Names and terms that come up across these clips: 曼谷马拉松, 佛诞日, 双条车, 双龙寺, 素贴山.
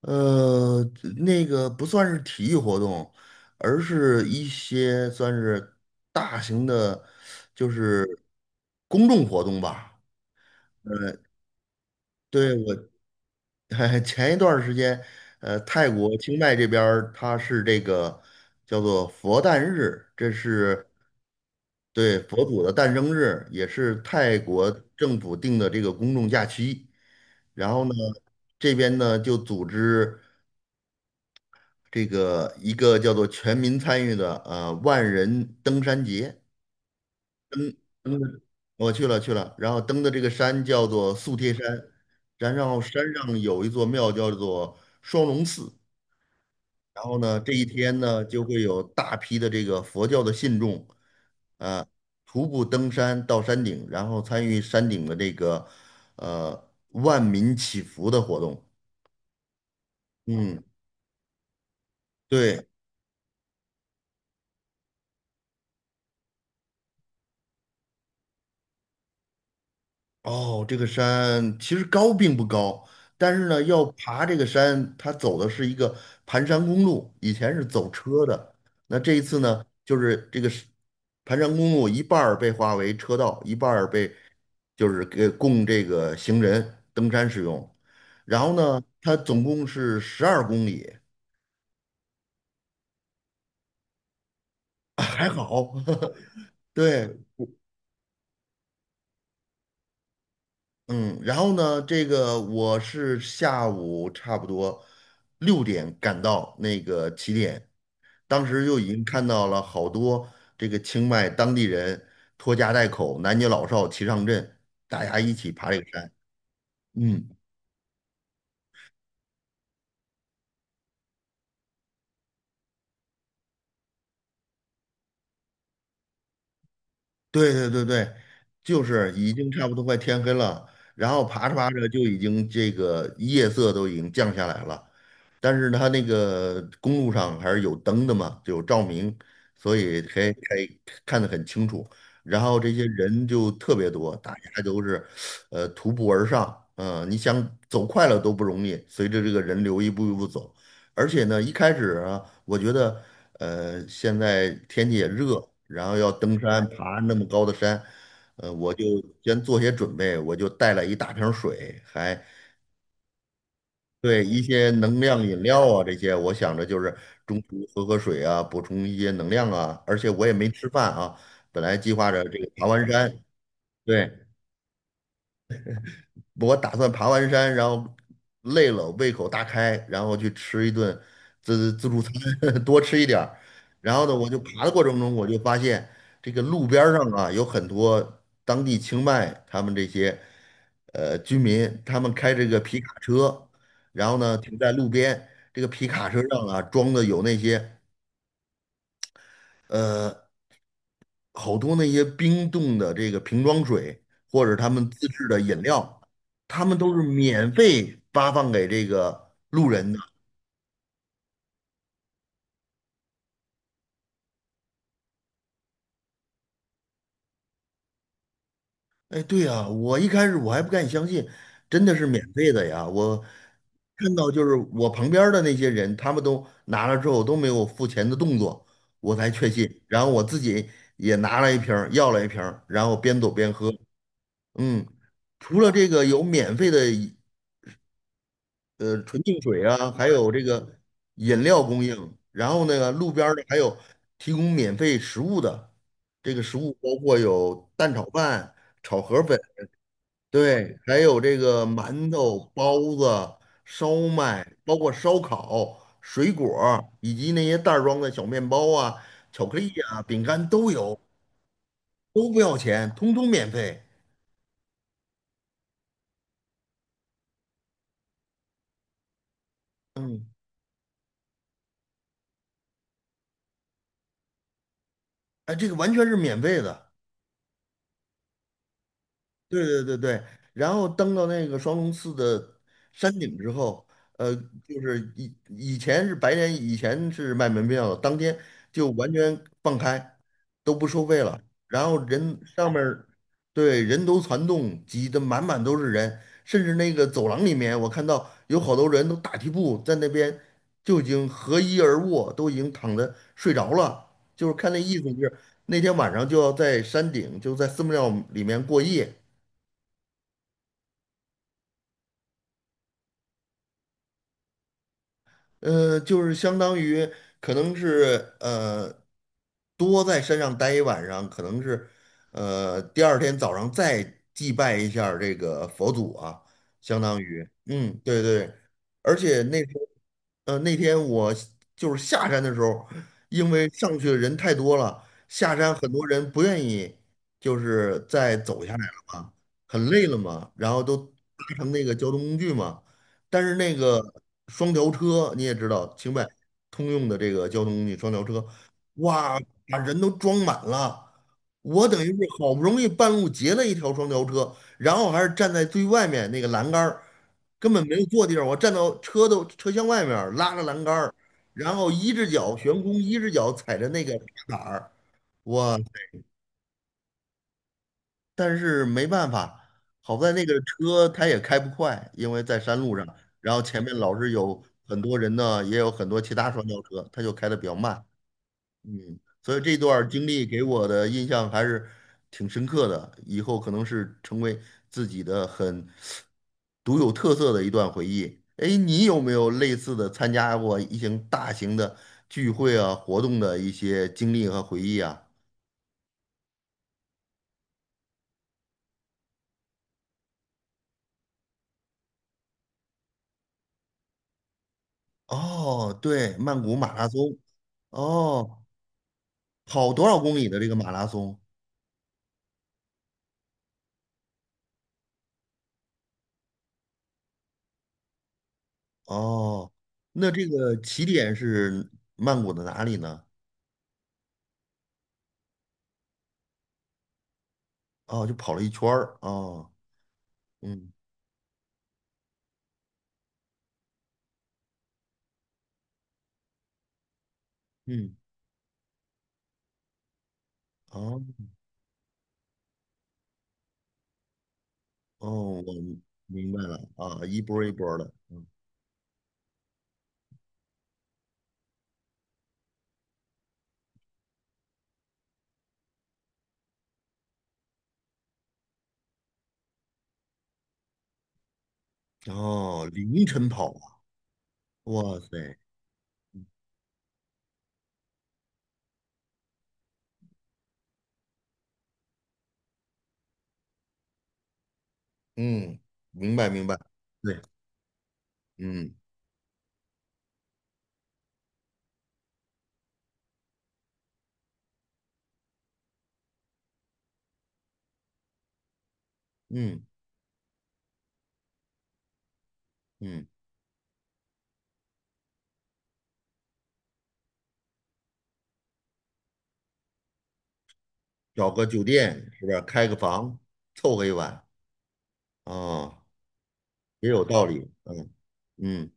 呃，那个不算是体育活动，而是一些算是大型的，就是公众活动吧。对，我 前一段儿时间，泰国清迈这边儿它是这个叫做佛诞日，这是对佛祖的诞生日，也是泰国政府定的这个公众假期。然后呢，这边呢就组织。这个一个叫做全民参与的万人登山节。嗯，我去了去了，然后登的这个山叫做素贴山，然后山上有一座庙叫做双龙寺，然后呢这一天呢就会有大批的这个佛教的信众啊、徒步登山到山顶，然后参与山顶的这个万民祈福的活动。嗯，对。哦，这个山其实高并不高，但是呢，要爬这个山，它走的是一个盘山公路，以前是走车的。那这一次呢，就是这个是盘山公路一半儿被划为车道，一半儿被就是给供这个行人登山使用，然后呢，它总共是12公里。还好，对。嗯，然后呢，这个我是下午差不多6点赶到那个起点，当时就已经看到了好多这个清迈当地人拖家带口、男女老少齐上阵，大家一起爬这个山。嗯，对对对对，就是已经差不多快天黑了，然后爬着爬着就已经这个夜色都已经降下来了，但是它那个公路上还是有灯的嘛，就有照明，所以可以看得很清楚。然后这些人就特别多，大家都是徒步而上，嗯、你想走快了都不容易，随着这个人流一步一步走。而且呢，一开始啊我觉得。现在天气也热，然后要登山，爬那么高的山。我就先做些准备，我就带了一大瓶水，还对一些能量饮料啊这些，我想着就是中途喝喝水啊，补充一些能量啊，而且我也没吃饭啊，本来计划着这个爬完山。对，我打算爬完山，然后累了，胃口大开，然后去吃一顿自助餐，多吃一点儿。然后呢，我就爬的过程中，我就发现这个路边儿上啊，有很多当地清迈他们这些居民，他们开这个皮卡车，然后呢停在路边，这个皮卡车上啊装的有那些。呃。好多那些冰冻的这个瓶装水，或者他们自制的饮料，他们都是免费发放给这个路人的。哎，对呀，我一开始我还不敢相信，真的是免费的呀！我看到就是我旁边儿的那些人，他们都拿了之后都没有付钱的动作，我才确信。然后我自己也拿了一瓶儿要了一瓶儿然后边走边喝。嗯，除了这个有免费的纯净水啊，还有这个饮料供应，然后那个路边儿的还有提供免费食物的，这个食物包括有蛋炒饭、炒河粉，对，还有这个馒头、包子、烧麦，包括烧烤、水果儿以及那些袋儿装的小面包啊、巧克力啊、饼干都有，都不要钱，通通免费。嗯，哎，这个完全是免费的。对对对对，然后登到那个双龙寺的山顶之后，呃，就是以前是白天，以前是卖门票的，当天就完全放开，都不收费了。然后人上面儿对，人头攒动，挤得满满都是人，甚至那个走廊里面，我看到有好多人都打地铺在那边就已经合衣而卧，都已经躺着睡着了，就是看那意思就是那天晚上就要在山顶，就在寺庙里面过夜。就是相当于可能是多在山上待一晚上，可能是第二天早上再祭拜一下儿这个佛祖啊，相当于嗯，对对。而且那时候那天我就是下山的时候，因为上去的人太多了，下山很多人不愿意，就是再走下来了嘛，很累了嘛，然后都搭乘那个交通工具嘛。但是那个双条车你也知道，清迈通用的这个交通工具双条车，哇，把人都装满了。我等于是好不容易半路截了一条双条车，然后还是站在最外面那个栏杆儿，根本没有坐地方，我站到车的车厢外面儿拉着栏杆儿，然后一只脚悬空，一只脚踩着那个踏板儿，哇，但是没办法，好在那个车它也开不快，因为在山路上，然后前面老是有很多人呢，也有很多其他双轿车，它就开得比较慢。嗯，所以这段儿经历给我的印象还是挺深刻的，以后可能是成为自己的很独有特色的一段回忆。哎，你有没有类似的参加过一些大型的聚会啊、活动的一些经历和回忆啊？哦，对，曼谷马拉松。哦，跑多少公里的这个马拉松？哦，那这个起点是曼谷的哪里呢？哦，就跑了一圈儿。哦，嗯嗯，哦哦，我明白了啊，一波儿一波儿的。嗯，哦，凌晨跑啊，哇塞，嗯，明白明白，对，嗯嗯嗯，找个酒店是吧？开个房，凑合一晚。哦，也有道理。嗯嗯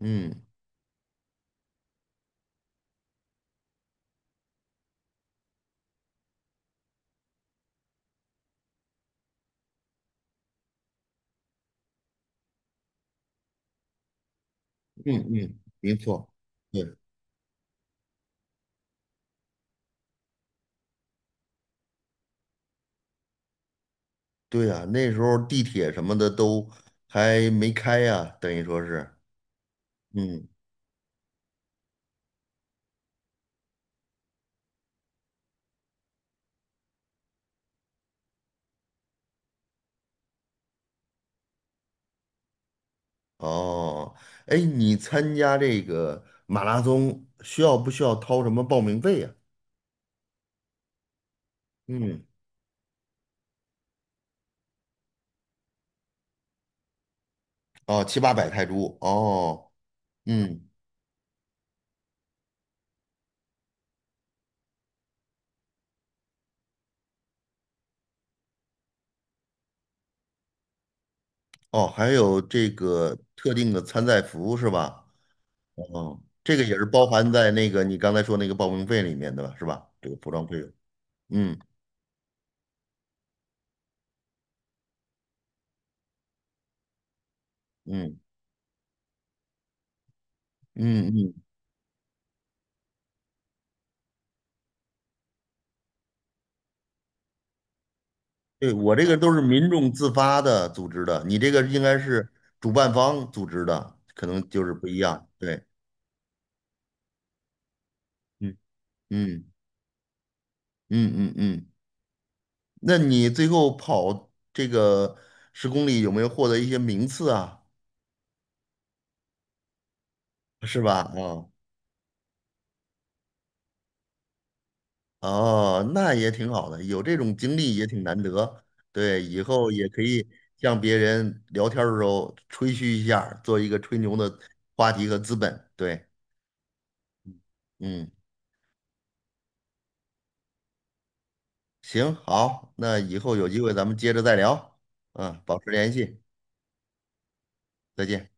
嗯嗯嗯，没错。对。对呀，那时候地铁什么的都还没开呀，等于说是，嗯，哦，哎，你参加这个马拉松需要不需要掏什么报名费呀？嗯，哦，七八百泰铢，哦，嗯，哦，还有这个特定的参赛服是吧？哦，这个也是包含在那个你刚才说那个报名费里面的吧，是吧？这个服装费用，嗯嗯嗯嗯对，我这个都是民众自发的组织的，你这个应该是主办方组织的，可能就是不一样。对，嗯嗯嗯嗯嗯。那你最后跑这个10公里有没有获得一些名次啊？是吧？啊、哦，那也挺好的，有这种经历也挺难得。对，以后也可以向别人聊天儿的时候吹嘘一下儿做一个吹牛的话题和资本。对，嗯。行，好，那以后有机会咱们接着再聊，嗯，保持联系，再见。